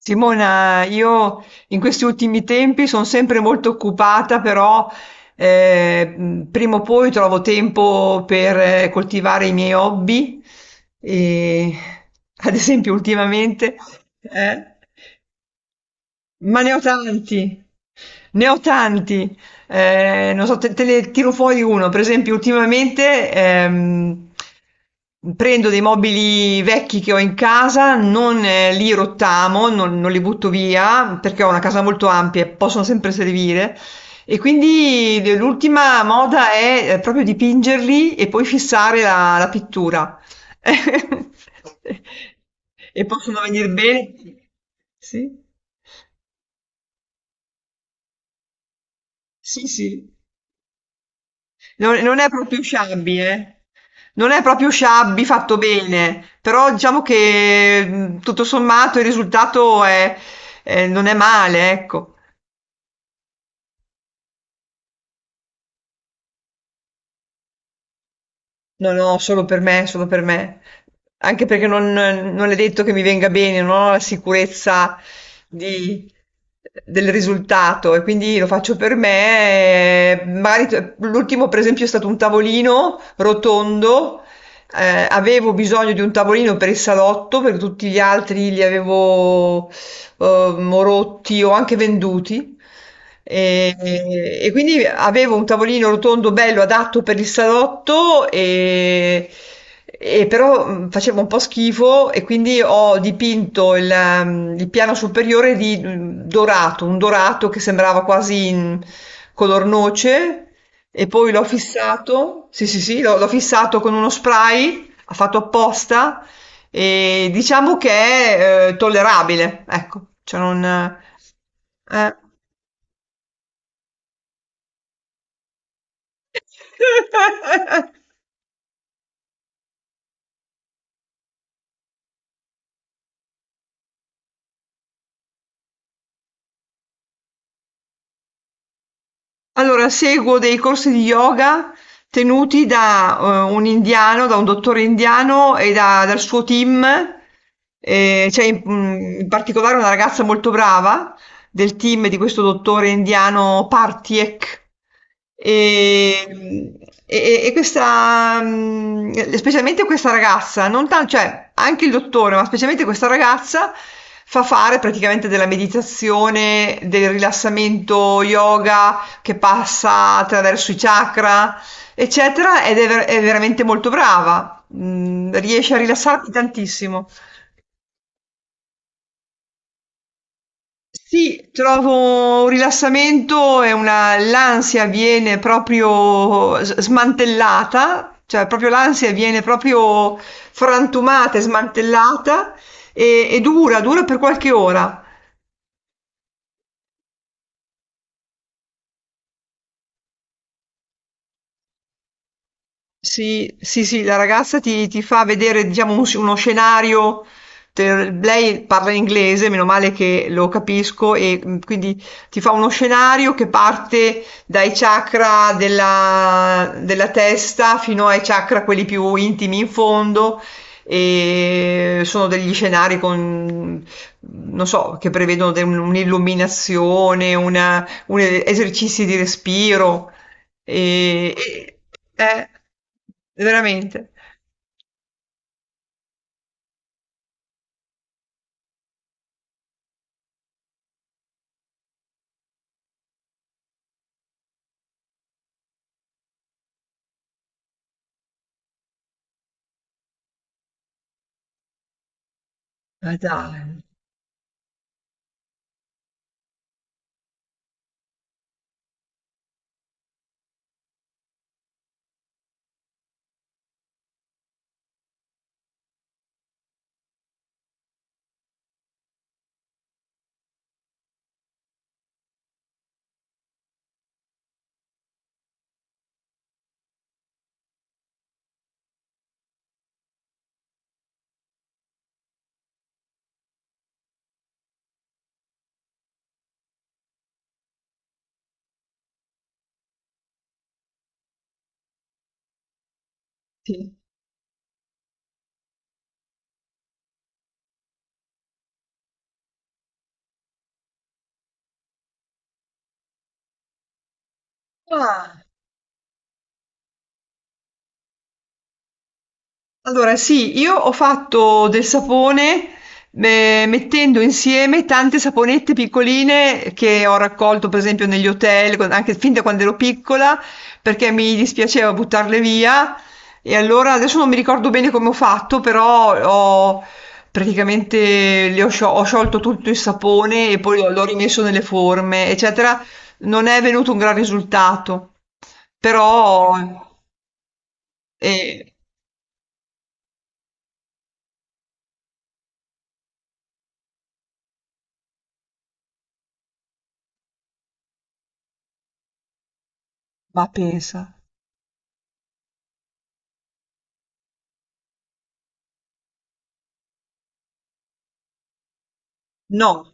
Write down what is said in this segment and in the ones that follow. Simona, io in questi ultimi tempi sono sempre molto occupata, però prima o poi trovo tempo per coltivare i miei hobby. E, ad esempio, ultimamente, eh? Ma ne ho tanti, ne ho tanti. Non so, te ne tiro fuori uno. Per esempio, ultimamente prendo dei mobili vecchi che ho in casa, non li rottamo, non li butto via, perché ho una casa molto ampia e possono sempre servire. E quindi l'ultima moda è proprio dipingerli e poi fissare la pittura. E possono venire bene. Sì. Sì, sì. Non non è proprio sciabbi, eh. Non è proprio sciabbi fatto bene, però diciamo che tutto sommato il risultato non è male, ecco. No, no, solo per me, solo per me. Anche perché non è detto che mi venga bene, non ho la sicurezza di- del risultato e quindi lo faccio per me. E magari l'ultimo, per esempio, è stato un tavolino rotondo. Avevo bisogno di un tavolino per il salotto, perché tutti gli altri li avevo o rotti o anche venduti. E, e quindi avevo un tavolino rotondo bello adatto per il salotto e però facevo un po' schifo e quindi ho dipinto il piano superiore di dorato, un dorato che sembrava quasi in color noce e poi l'ho fissato, sì sì sì, l'ho fissato con uno spray, ha fatto apposta e diciamo che è, tollerabile, ecco, cioè non eh. Allora, seguo dei corsi di yoga tenuti da un indiano, da un dottore indiano e dal suo team. C'è in particolare una ragazza molto brava del team di questo dottore indiano Partiek. E, e questa, specialmente questa ragazza, non tanto, cioè anche il dottore, ma specialmente questa ragazza fa fare praticamente della meditazione, del rilassamento yoga che passa attraverso i chakra, eccetera, ed è, è veramente molto brava. Mm, riesce a rilassarti tantissimo. Sì, trovo un rilassamento e una, l'ansia viene proprio smantellata, cioè proprio l'ansia viene proprio frantumata e smantellata e dura, dura per qualche ora. Sì, sì, sì, la ragazza ti fa vedere, diciamo, uno scenario. Lei parla inglese, meno male che lo capisco, e quindi ti fa uno scenario che parte dai chakra della testa fino ai chakra, quelli più intimi in fondo, e sono degli scenari con, non so, che prevedono un'illuminazione, una, un esercizi di respiro. E, e- eh, veramente. Ma dai, sì. Ah. Allora, sì, io ho fatto del sapone mettendo insieme tante saponette piccoline che ho raccolto, per esempio, negli hotel, anche fin da quando ero piccola, perché mi dispiaceva buttarle via. E allora adesso non mi ricordo bene come ho fatto, però ho praticamente le ho, ho sciolto tutto il sapone e poi l'ho rimesso nelle forme, eccetera. Non è venuto un gran risultato, però eh, ma pensa. No,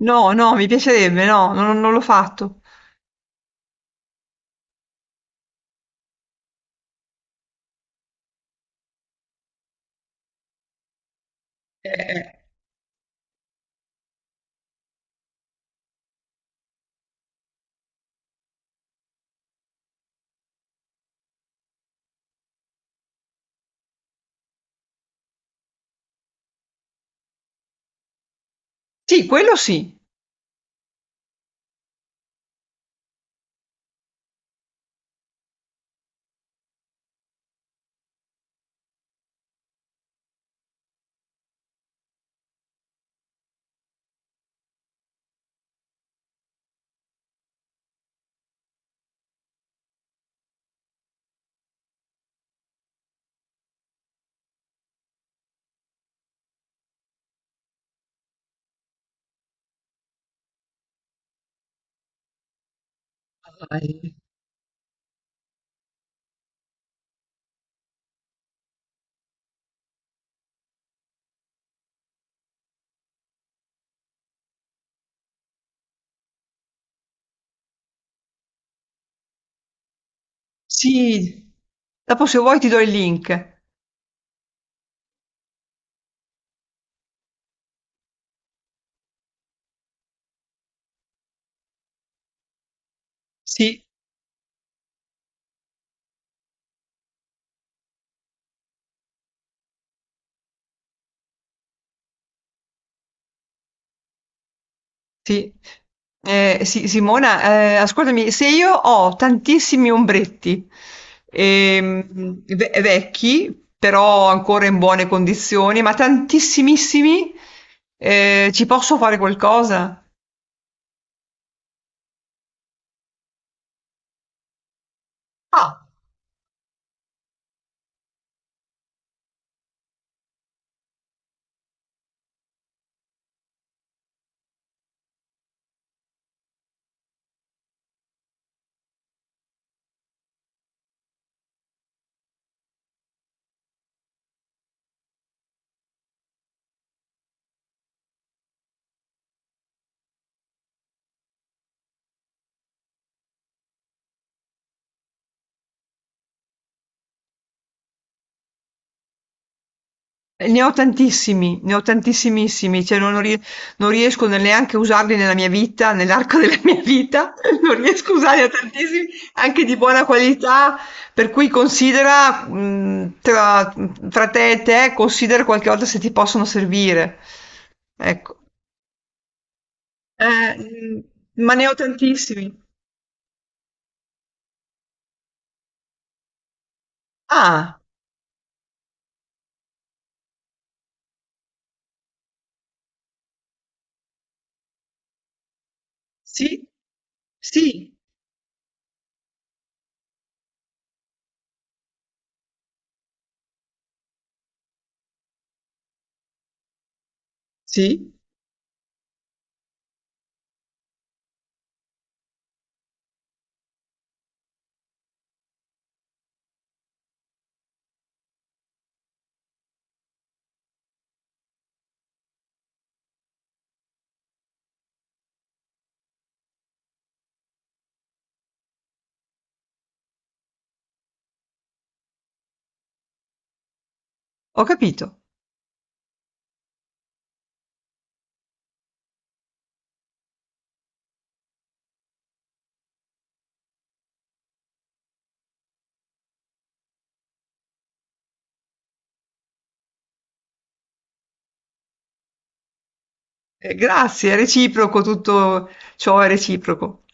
no, no, mi piacerebbe, no, non l'ho fatto. Eh. Sì, quello sì. Vai. Sì. Dopo se vuoi ti do il link. Sì. Sì. Simona, ascoltami, se io ho tantissimi ombretti, vecchi, però ancora in buone condizioni, ma tantissimissimi, ci posso fare qualcosa? Ah. Ne ho tantissimi, ne ho tantissimissimi, cioè non riesco neanche a usarli nella mia vita, nell'arco della mia vita, non riesco a usarne tantissimi, anche di buona qualità, per cui considera, tra te e te, considera qualche volta se ti possono servire. Ecco, eh, ma ne ho tantissimi. Ah, sì, sì, sì, ho capito. Grazie, è reciproco, tutto ciò è reciproco.